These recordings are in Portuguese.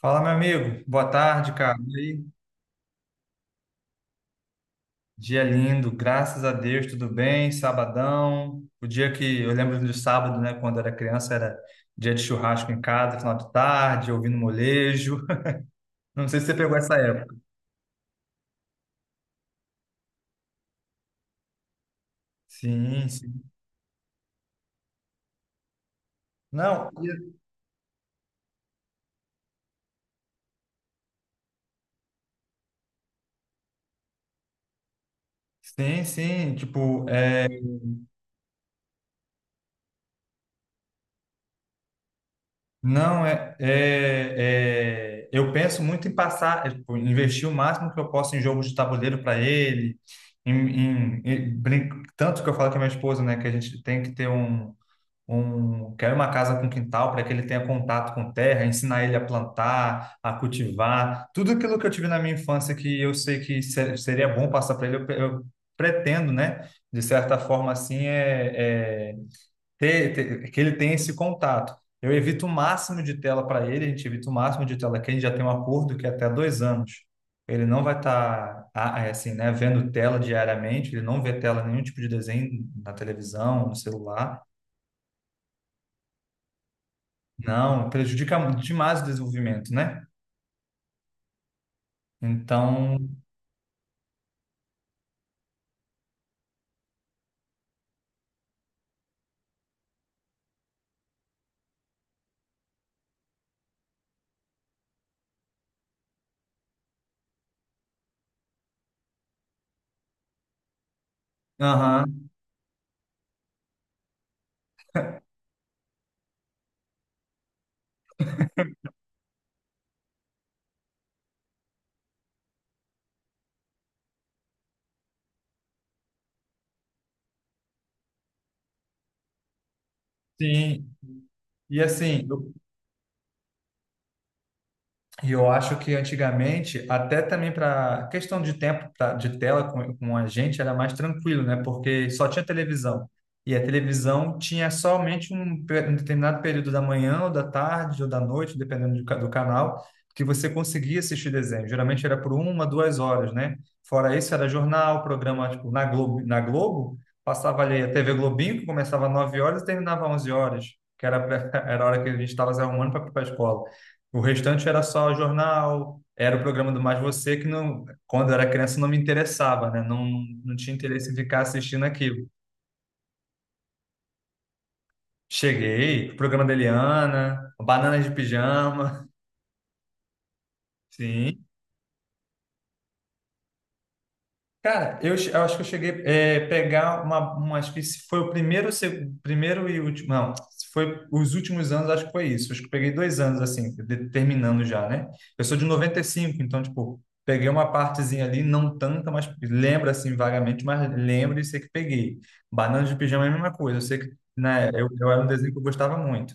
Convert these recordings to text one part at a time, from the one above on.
Fala, meu amigo. Boa tarde, cara. E aí? Dia lindo, graças a Deus, tudo bem? Sabadão. O dia que eu lembro do sábado, né? Quando eu era criança, era dia de churrasco em casa, final de tarde, ouvindo molejo. Não sei se você pegou essa época. Sim, sim. Não, e- sim, sim. Tipo, é, não, é, é, é- eu penso muito em passar, tipo, investir o máximo que eu posso em jogos de tabuleiro para ele. Em, em- em brin- tanto que eu falo com a minha esposa, né, que a gente tem que ter quer uma casa com quintal para que ele tenha contato com terra, ensinar ele a plantar, a cultivar, tudo aquilo que eu tive na minha infância que eu sei que seria bom passar para ele, eu pretendo, né, de certa forma assim, que ele tenha esse contato. Eu evito o máximo de tela para ele, a gente evita o máximo de tela que a gente já tem um acordo que é até dois anos. Ele não vai estar assim, né, vendo tela diariamente, ele não vê tela, nenhum tipo de desenho na televisão, no celular. Não, prejudica muito demais o desenvolvimento, né? Então, aham, sim. E assim, eu E eu acho que antigamente, até também para questão de de tela com a gente, era mais tranquilo, né? Porque só tinha televisão. E a televisão tinha somente um determinado período da manhã, ou da tarde, ou da noite, dependendo do canal, que você conseguia assistir desenho. Geralmente era por uma, duas horas, né? Fora isso, era jornal, programa, tipo, na Globo, passava ali a TV Globinho, que começava às 9 horas e terminava às 11 horas, que era, era a hora que a gente estava se arrumando para ir para a escola. O restante era só jornal, era o programa do Mais Você, que não, quando eu era criança não me interessava, né? Não, não tinha interesse em ficar assistindo aquilo. Cheguei, o programa da Eliana, Bananas de Pijama, sim. Cara, eu acho que eu cheguei pegar uma, acho que se foi o primeiro, primeiro e último, não, se foi os últimos anos, acho que foi isso. Acho que eu peguei dois anos, assim, terminando já, né? Eu sou de 95 então, tipo, peguei uma partezinha ali, não tanta, mas lembro, assim, vagamente, mas lembro e sei que peguei. Banana de pijama é a mesma coisa, eu sei que, né, eu era um desenho que eu gostava muito.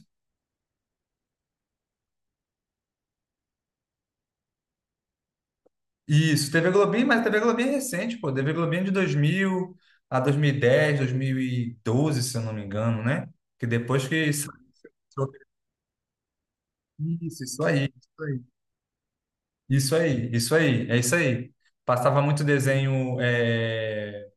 Isso, TV Globinho, mas TV Globinho é recente, pô. TV Globinho é de 2000 a 2010, 2012, se eu não me engano, né? Que depois que... Isso aí, isso aí. Isso aí, isso aí, é isso aí. Passava muito desenho é,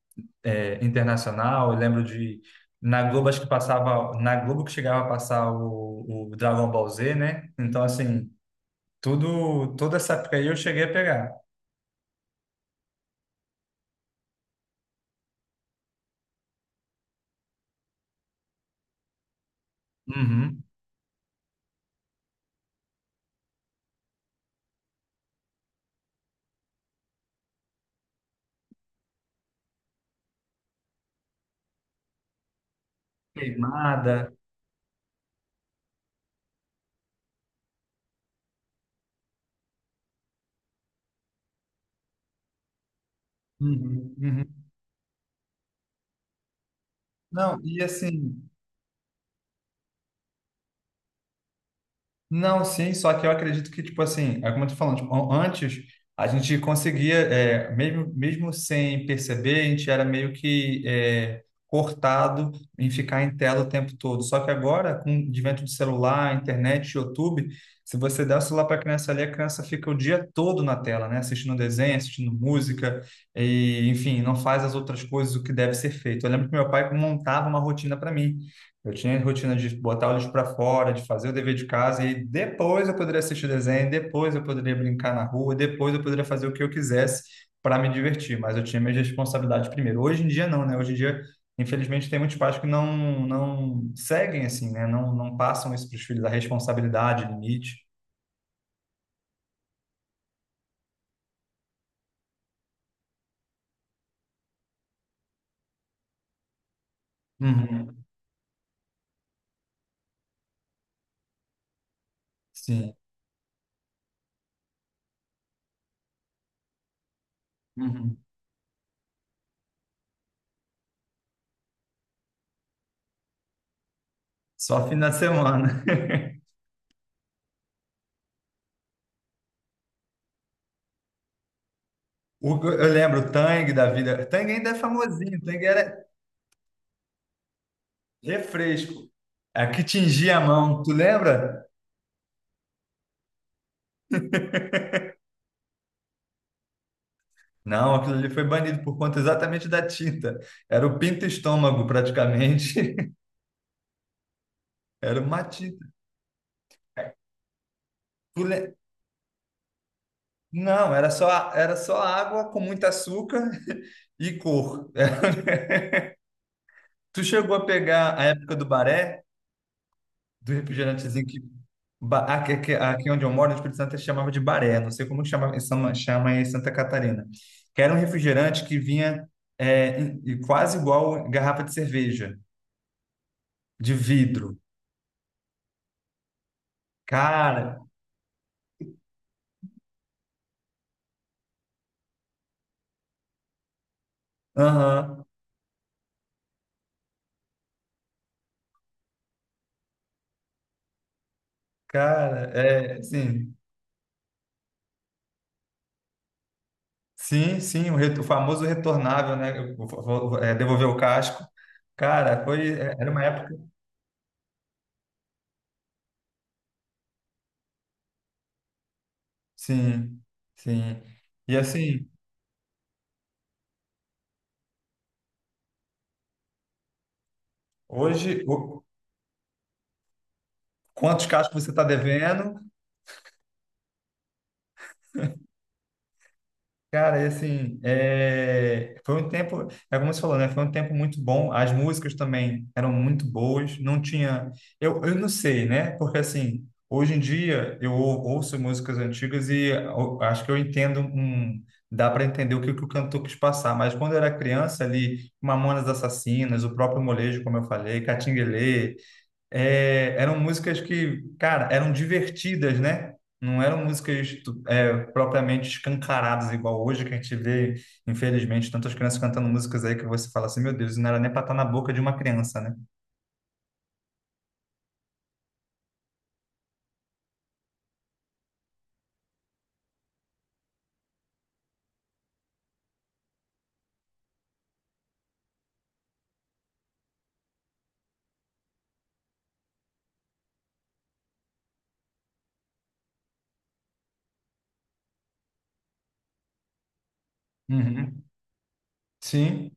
é, internacional, eu lembro de... Na Globo, acho que passava... Na Globo que chegava a passar o Dragon Ball Z, né? Então, assim, tudo, toda essa época aí eu cheguei a pegar. Uhum. Queimada. Uhum, uhum. Não, e assim, não, sim, só que eu acredito que, tipo assim, é como eu tô falando, tipo, antes a gente conseguia, é, mesmo, mesmo sem perceber, a gente era meio que é, cortado em ficar em tela o tempo todo. Só que agora, com o advento de celular, internet, YouTube, se você der o celular para a criança ali, a criança fica o dia todo na tela, né? Assistindo desenho, assistindo música, enfim, não faz as outras coisas o que deve ser feito. Eu lembro que meu pai montava uma rotina para mim. Eu tinha a rotina de botar o lixo para fora, de fazer o dever de casa, e depois eu poderia assistir desenho, depois eu poderia brincar na rua, depois eu poderia fazer o que eu quisesse para me divertir, mas eu tinha minhas responsabilidades primeiro. Hoje em dia não, né? Hoje em dia, infelizmente, tem muitos pais que não seguem assim, né? Não passam isso para os filhos, a responsabilidade, limite. Uhum. Sim. Uhum. Só fim de semana. Eu lembro o Tang da vida. Tang ainda é famosinho, Tang era refresco. É que tingia a mão, tu lembra? Não, aquilo ali foi banido por conta exatamente da tinta. Era o pinto estômago, praticamente. Era uma tinta. Tu le- Não, era só água com muito açúcar e cor. Tu chegou a pegar a época do baré, do refrigerantezinho que. Aqui, aqui onde eu moro, no Espírito Santo, eles chamava de baré. Não sei como chama, chama em Santa Catarina. Que era um refrigerante que vinha quase igual garrafa de cerveja, de vidro. Cara, aham. Cara, sim, sim, sim, o famoso retornável, né? Devolver o casco. Cara, foi, é, era uma época. Sim, sim. E assim, hoje, quantos cascos você está devendo? Cara, e assim, é, foi um tempo, é como você falou, né? Foi um tempo muito bom. As músicas também eram muito boas. Não tinha, eu não sei, né? Porque assim, hoje em dia ouço músicas antigas e acho que eu entendo dá para entender que o cantor quis passar. Mas quando eu era criança ali, Mamonas Assassinas, o próprio Molejo, como eu falei, Catinguelê, é, eram músicas que, cara, eram divertidas, né? Não eram músicas propriamente escancaradas, igual hoje que a gente vê, infelizmente, tantas crianças cantando músicas aí que você fala assim, meu Deus, isso não era nem para estar na boca de uma criança, né? Uhum. Sim,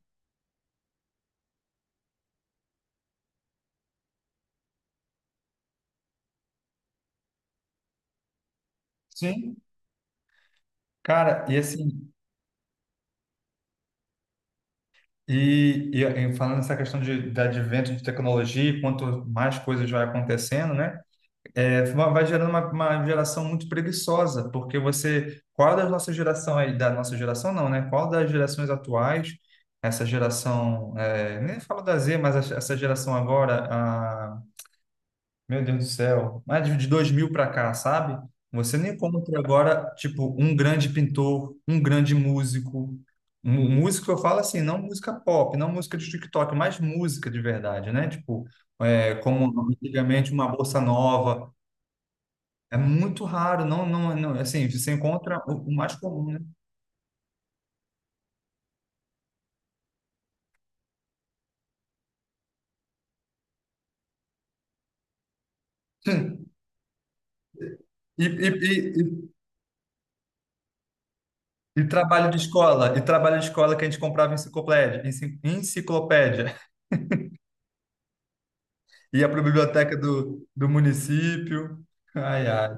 sim. Cara, e assim, e falando nessa questão de advento de tecnologia, e quanto mais coisas vai acontecendo, né? É, vai gerando uma geração muito preguiçosa, porque você, qual da nossa geração aí, da nossa geração não, né? Qual das gerações atuais, essa geração, é, nem falo da Z, mas essa geração agora, a, meu Deus do céu, mais de 2000 para cá, sabe? Você nem encontra agora, tipo, um grande pintor, um grande músico. Músico eu falo assim, não música pop, não música de TikTok, mas música de verdade, né? Tipo, é, como antigamente uma bossa nova, é muito raro, não, não, não, assim, você encontra o mais comum, né? E, e, e, e- e trabalho de escola, e trabalho de escola que a gente comprava em enciclopédia, enciclopédia, ia para a biblioteca do município. Ai, ai.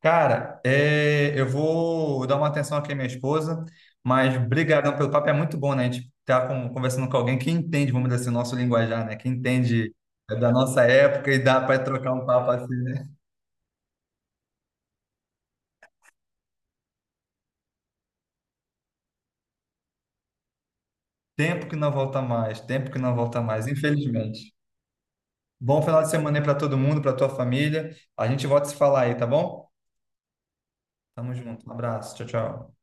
Cara, é, eu vou dar uma atenção aqui à minha esposa, mas brigadão pelo papo, é muito bom, né? A gente tá conversando com alguém que entende, vamos dizer assim, o nosso linguajar, né? Que entende da nossa época e dá para trocar um papo Tempo que não volta mais, tempo que não volta mais, infelizmente. Bom final de semana aí para todo mundo, para tua família. A gente volta a se falar aí, tá bom? Tamo junto. Um abraço. Tchau, tchau.